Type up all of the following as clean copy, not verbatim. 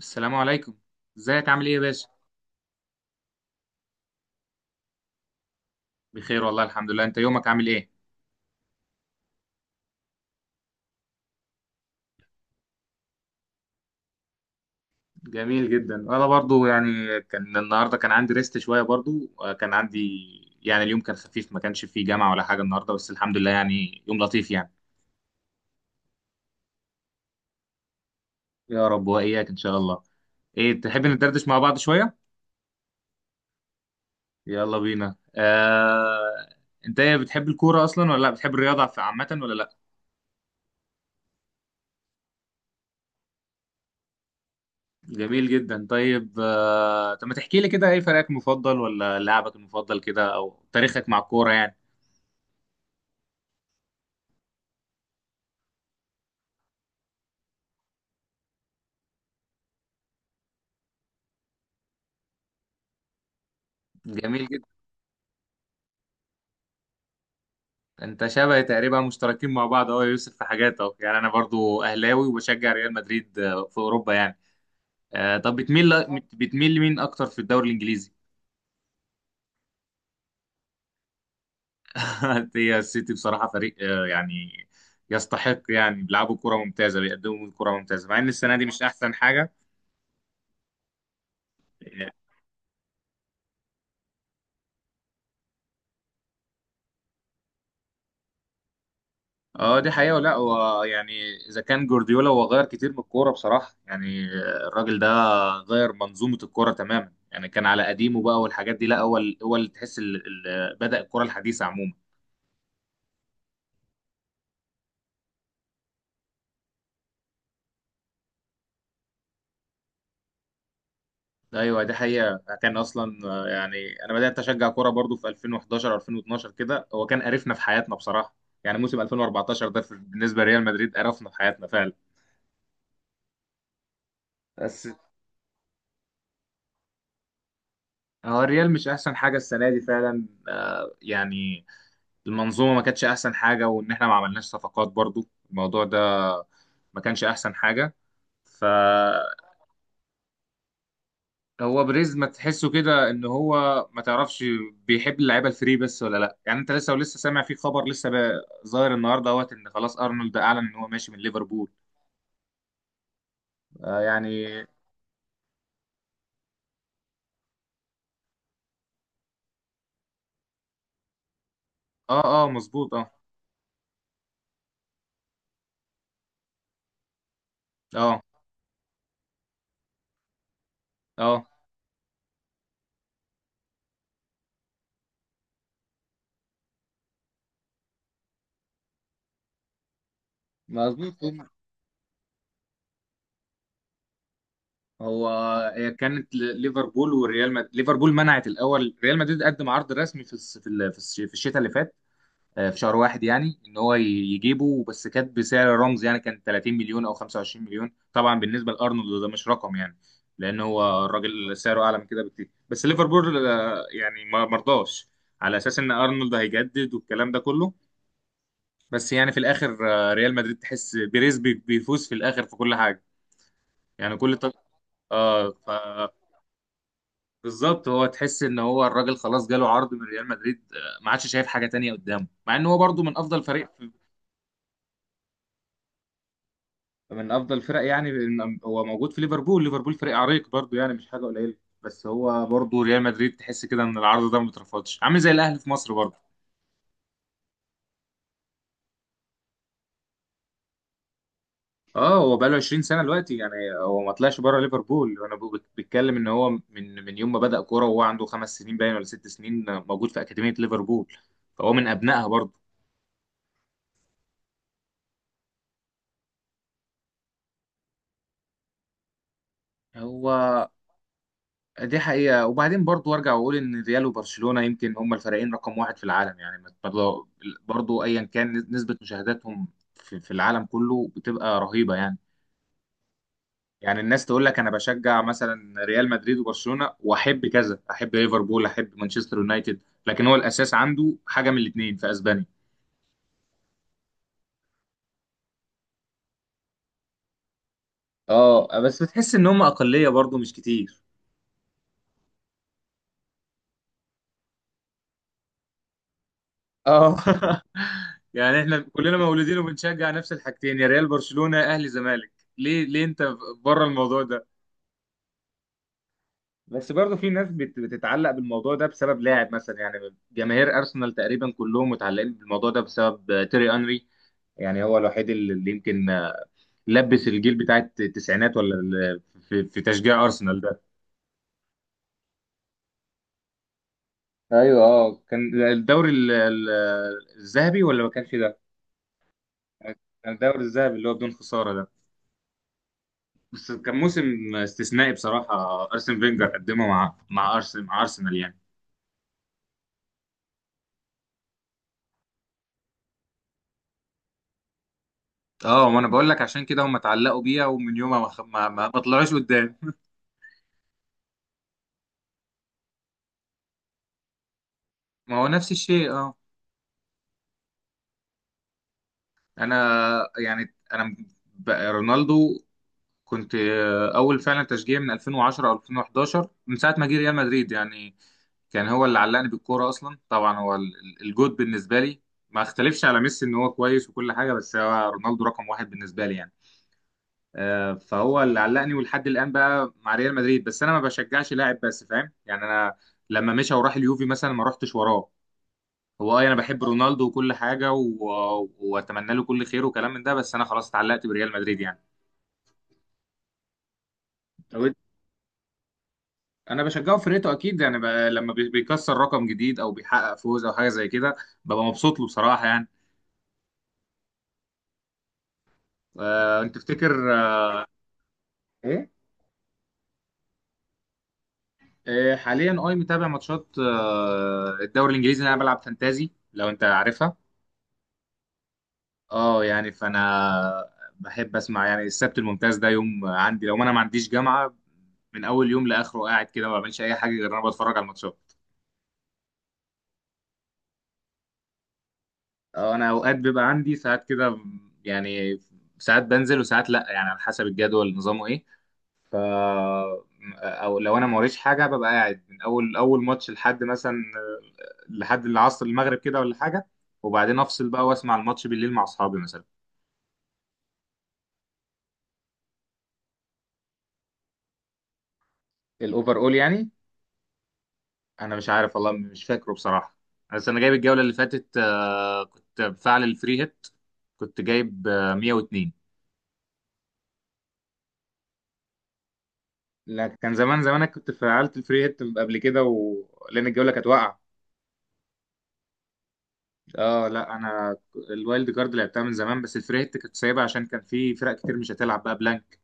السلام عليكم. ازيك؟ عامل ايه يا باشا؟ بخير والله، الحمد لله. انت يومك عامل ايه؟ جميل جدا. انا برضو يعني كان النهارده كان عندي ريست شويه برضو، كان عندي يعني اليوم كان خفيف، ما كانش فيه جامعه ولا حاجه النهارده، بس الحمد لله يعني يوم لطيف يعني. يا رب واياك ان شاء الله. ايه، تحب ندردش مع بعض شويه؟ يلا بينا. انت ايه، بتحب الكوره اصلا ولا لا؟ بتحب الرياضه عامه ولا لا؟ جميل جدا. طيب، طب ما تحكي لي كده، ايه فريقك المفضل ولا لاعبك المفضل كده، او تاريخك مع الكوره يعني. جميل جدا. انت شبه تقريبا مشتركين مع بعض اهو يا يوسف في حاجات اهو، يعني انا برضو اهلاوي وبشجع ريال مدريد، في اوروبا يعني. طب بتميل لمين اكتر في الدوري الانجليزي؟ هي السيتي بصراحه فريق، يعني يستحق، يعني بيلعبوا كره ممتازه، بيقدموا كره ممتازه، مع ان السنه دي مش احسن حاجه. آه، اه، دي حقيقة، ولا هو يعني اذا كان جوارديولا هو غير كتير من الكورة بصراحة يعني. الراجل ده غير منظومة الكورة تماما يعني، كان على قديمه بقى والحاجات دي لا، هو هو اللي تحس بدأ الكورة الحديثة عموما. ايوه دي حقيقة، كان اصلا يعني انا بدأت اشجع كورة برضو في 2011 2012 كده، هو كان قرفنا في حياتنا بصراحة. يعني موسم 2014 ده بالنسبة لريال مدريد قرفنا في حياتنا فعلا. بس هو الريال مش احسن حاجة السنة دي فعلا، يعني المنظومه ما كانتش احسن حاجه، وان احنا ما عملناش صفقات برضو، الموضوع ده ما كانش احسن حاجه. فهو بريز ما تحسه كده ان هو ما تعرفش بيحب اللعيبه الفري بس ولا لا يعني. انت لسه ولسه سامع في خبر لسه بقى ظاهر النهارده اهوت ان خلاص ارنولد اعلن ان هو ماشي من ليفربول؟ يعني اه، اه، مظبوط. اه، اه، اه، مظبوط. هو هي كانت ليفربول والريال ليفربول منعت. الاول ريال مدريد قدم عرض رسمي في الس- في ال- في الش- في الشتاء اللي فات، في شهر واحد، يعني ان هو يجيبه، بس كانت بسعر رمز يعني، كان 30 مليون او 25 مليون. طبعا بالنسبه لارنولد ده مش رقم يعني، لان هو الراجل سعره اعلى من كده بكتير، بس ليفربول يعني ما مرضاش على اساس ان ارنولد هيجدد والكلام ده كله. بس يعني في الاخر، ريال مدريد تحس بيريز بيفوز في الاخر في كل حاجه يعني. كل اه. بالظبط، هو تحس ان هو الراجل خلاص جاله عرض من ريال مدريد، ما عادش شايف حاجه تانية قدامه، مع ان هو برضه من افضل فريق، من افضل الفرق يعني. هو موجود في ليفربول، ليفربول فريق عريق برضو يعني، مش حاجه قليله. بس هو برضو ريال مدريد تحس كده ان العرض ده ما اترفضش، عامل زي الاهلي في مصر برضو. اه، هو بقاله 20 سنه دلوقتي يعني. هو ما طلعش بره ليفربول. انا بتكلم ان هو من يوم ما بدأ كوره وهو عنده 5 سنين باين ولا 6 سنين موجود في اكاديميه ليفربول، فهو من ابنائها برضو. هو دي حقيقة. وبعدين برضو أرجع وأقول إن ريال وبرشلونة يمكن هما الفريقين رقم واحد في العالم يعني، برضو برضو أيا كان نسبة مشاهداتهم في العالم كله بتبقى رهيبة يعني. يعني الناس تقول لك أنا بشجع مثلا ريال مدريد وبرشلونة، وأحب كذا، أحب ليفربول، أحب مانشستر يونايتد، لكن هو الأساس عنده حاجة من الاتنين في أسبانيا. اه، بس بتحس إن هما أقلية برضو مش كتير. اه. يعني احنا كلنا مولودين وبنشجع نفس الحاجتين، يا ريال، برشلونة، اهلي، زمالك. ليه، ليه انت بره الموضوع ده؟ بس برضه في ناس بتتعلق بالموضوع ده بسبب لاعب مثلا يعني. جماهير ارسنال تقريبا كلهم متعلقين بالموضوع ده بسبب تيري انري. يعني هو الوحيد اللي يمكن لبس الجيل بتاع التسعينات، ولا في تشجيع ارسنال ده. ايوه، اه، كان الدوري الذهبي ولا ما كانش ده؟ كان الدوري الذهبي اللي هو بدون خسارة ده، بس كان موسم استثنائي بصراحة، أرسن فينجر قدمه مع أرسنال مع أرسنال يعني. اه، ما انا بقول لك عشان كده هم اتعلقوا بيها، ومن يومها ما طلعوش قدام. ما هو نفس الشيء اه. انا يعني رونالدو كنت اول فعلا تشجيع من 2010 او 2011، من ساعة ما جه ريال مدريد يعني. كان هو اللي علقني بالكورة اصلا طبعا، هو الجود بالنسبة لي. ما اختلفش على ميسي ان هو كويس وكل حاجة، بس هو رونالدو رقم واحد بالنسبة لي يعني. فهو اللي علقني ولحد الان بقى مع ريال مدريد، بس انا ما بشجعش لاعب بس، فاهم يعني. انا لما مشى وراح اليوفي مثلا ما رحتش وراه. هو، اه، انا بحب رونالدو وكل حاجه واتمنى له كل خير وكلام من ده، بس انا خلاص اتعلقت بريال مدريد يعني. طب انا بشجعه في فرقته اكيد يعني، لما بيكسر رقم جديد او بيحقق فوز او حاجه زي كده، ببقى مبسوط له بصراحه يعني. انت تفتكر ايه؟ حاليا اي، متابع ماتشات، الدوري الانجليزي اللي انا بلعب فانتازي لو انت عارفها. اه، يعني فانا بحب اسمع يعني، السبت الممتاز ده يوم عندي لو ما انا ما عنديش جامعه، من اول يوم لاخره قاعد كده ما بعملش اي حاجه غير إن انا بتفرج على الماتشات. اه، انا اوقات بيبقى عندي ساعات كده يعني، ساعات بنزل وساعات لا يعني، على حسب الجدول نظامه ايه. ف او لو انا ما وريش حاجه ببقى قاعد من اول ماتش لحد مثلا لحد العصر المغرب كده ولا حاجه، وبعدين افصل بقى واسمع الماتش بالليل مع اصحابي مثلا. الاوفر اول يعني؟ انا مش عارف والله، مش فاكره بصراحه. بس انا جايب الجوله اللي فاتت، كنت بفعل الفري هيت. كنت جايب 102. لا، كان زمان زمان، انا كنت فعلت الفري هيت قبل كده لان الجوله كانت واقعه. اه، لا انا الوايلد كارد لعبتها من زمان، بس الفري هيت كنت سايبها عشان كان في فرق كتير مش هتلعب بقى بلانك.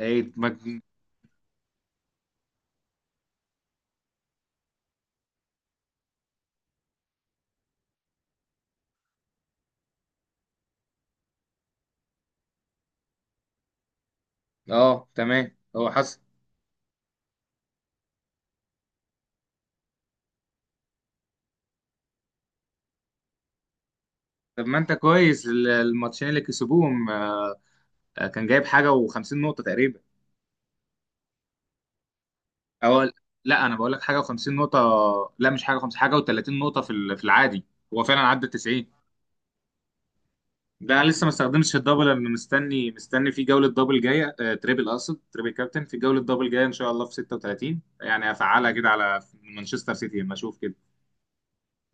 اي ما... اه تمام، هو حصل. طب ما انت كويس، الماتشين اللي كسبوهم، كان جايب حاجه و50 نقطه تقريبا. أو لا، أنا بقول لك حاجة و50 نقطة. لا، مش حاجة 50، حاجة و30 نقطة في العادي، هو فعلا عدى ال 90. ده أنا لسه ما استخدمتش الدبل. أنا مستني مستني في جولة دبل جاية، تريبل، أقصد تريبل كابتن، في جولة دبل جاية إن شاء الله في 36، يعني هفعلها كده على مانشستر سيتي لما أشوف كده،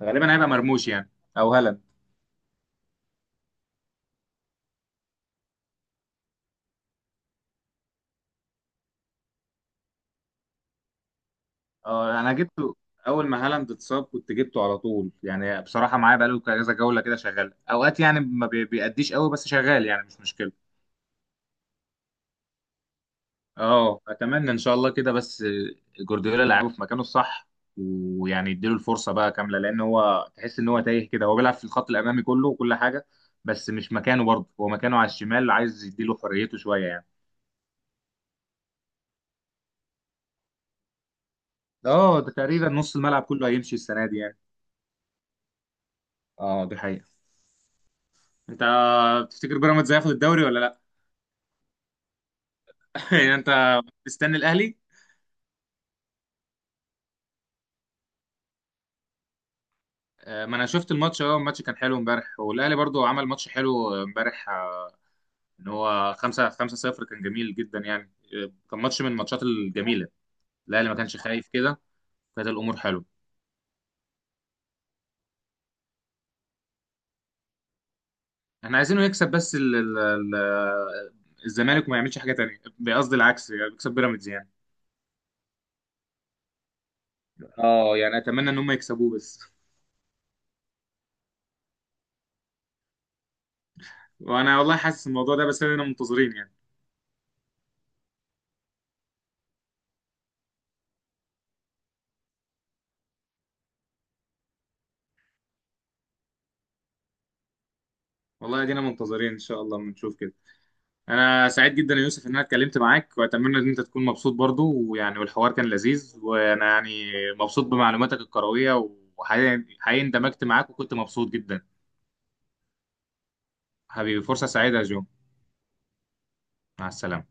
غالبا هيبقى مرموش يعني، أو هالاند. أه أنا جبته. أول ما هالاند اتصاب كنت جبته على طول يعني بصراحة، معايا بقاله كذا جولة كده، شغال أوقات يعني، ما بيأديش قوي بس شغال، يعني مش مشكلة. اه، اتمنى ان شاء الله كده، بس جوارديولا لعبه في مكانه الصح ويعني يديله الفرصه بقى كامله، لان هو تحس ان هو تايه كده، هو بيلعب في الخط الامامي كله وكل حاجه، بس مش مكانه برضه، هو مكانه على الشمال، عايز يديله حريته شويه يعني. اه، ده تقريبا نص الملعب كله هيمشي السنه دي يعني. اه، دي حقيقه. انت تفتكر بيراميدز هياخد الدوري ولا لا؟ يعني انت مستني الاهلي؟ ما انا شفت الماتش. اه، الماتش كان حلو امبارح، والاهلي برضه عمل ماتش حلو امبارح، ان هو 5 5 0، كان جميل جدا يعني. كان ماتش من الماتشات الجميله، الاهلي ما كانش خايف كده، كانت الامور حلوه. احنا عايزينه يكسب بس ال ال ال الزمالك وما يعملش حاجه تانية، قصدي العكس، يعني يكسب بيراميدز يعني. اه، يعني اتمنى ان هم يكسبوه بس. وانا والله حاسس الموضوع ده، بس انا منتظرين يعني. والله ادينا منتظرين ان شاء الله بنشوف كده. انا سعيد جدا يا يوسف ان انا اتكلمت معاك، واتمنى ان انت تكون مبسوط برضو، ويعني والحوار كان لذيذ، وانا يعني مبسوط بمعلوماتك الكروية، وحقيقي حقيقي اندمجت معاك وكنت مبسوط جدا. حبيبي، فرصة سعيدة يا جو. مع السلامة.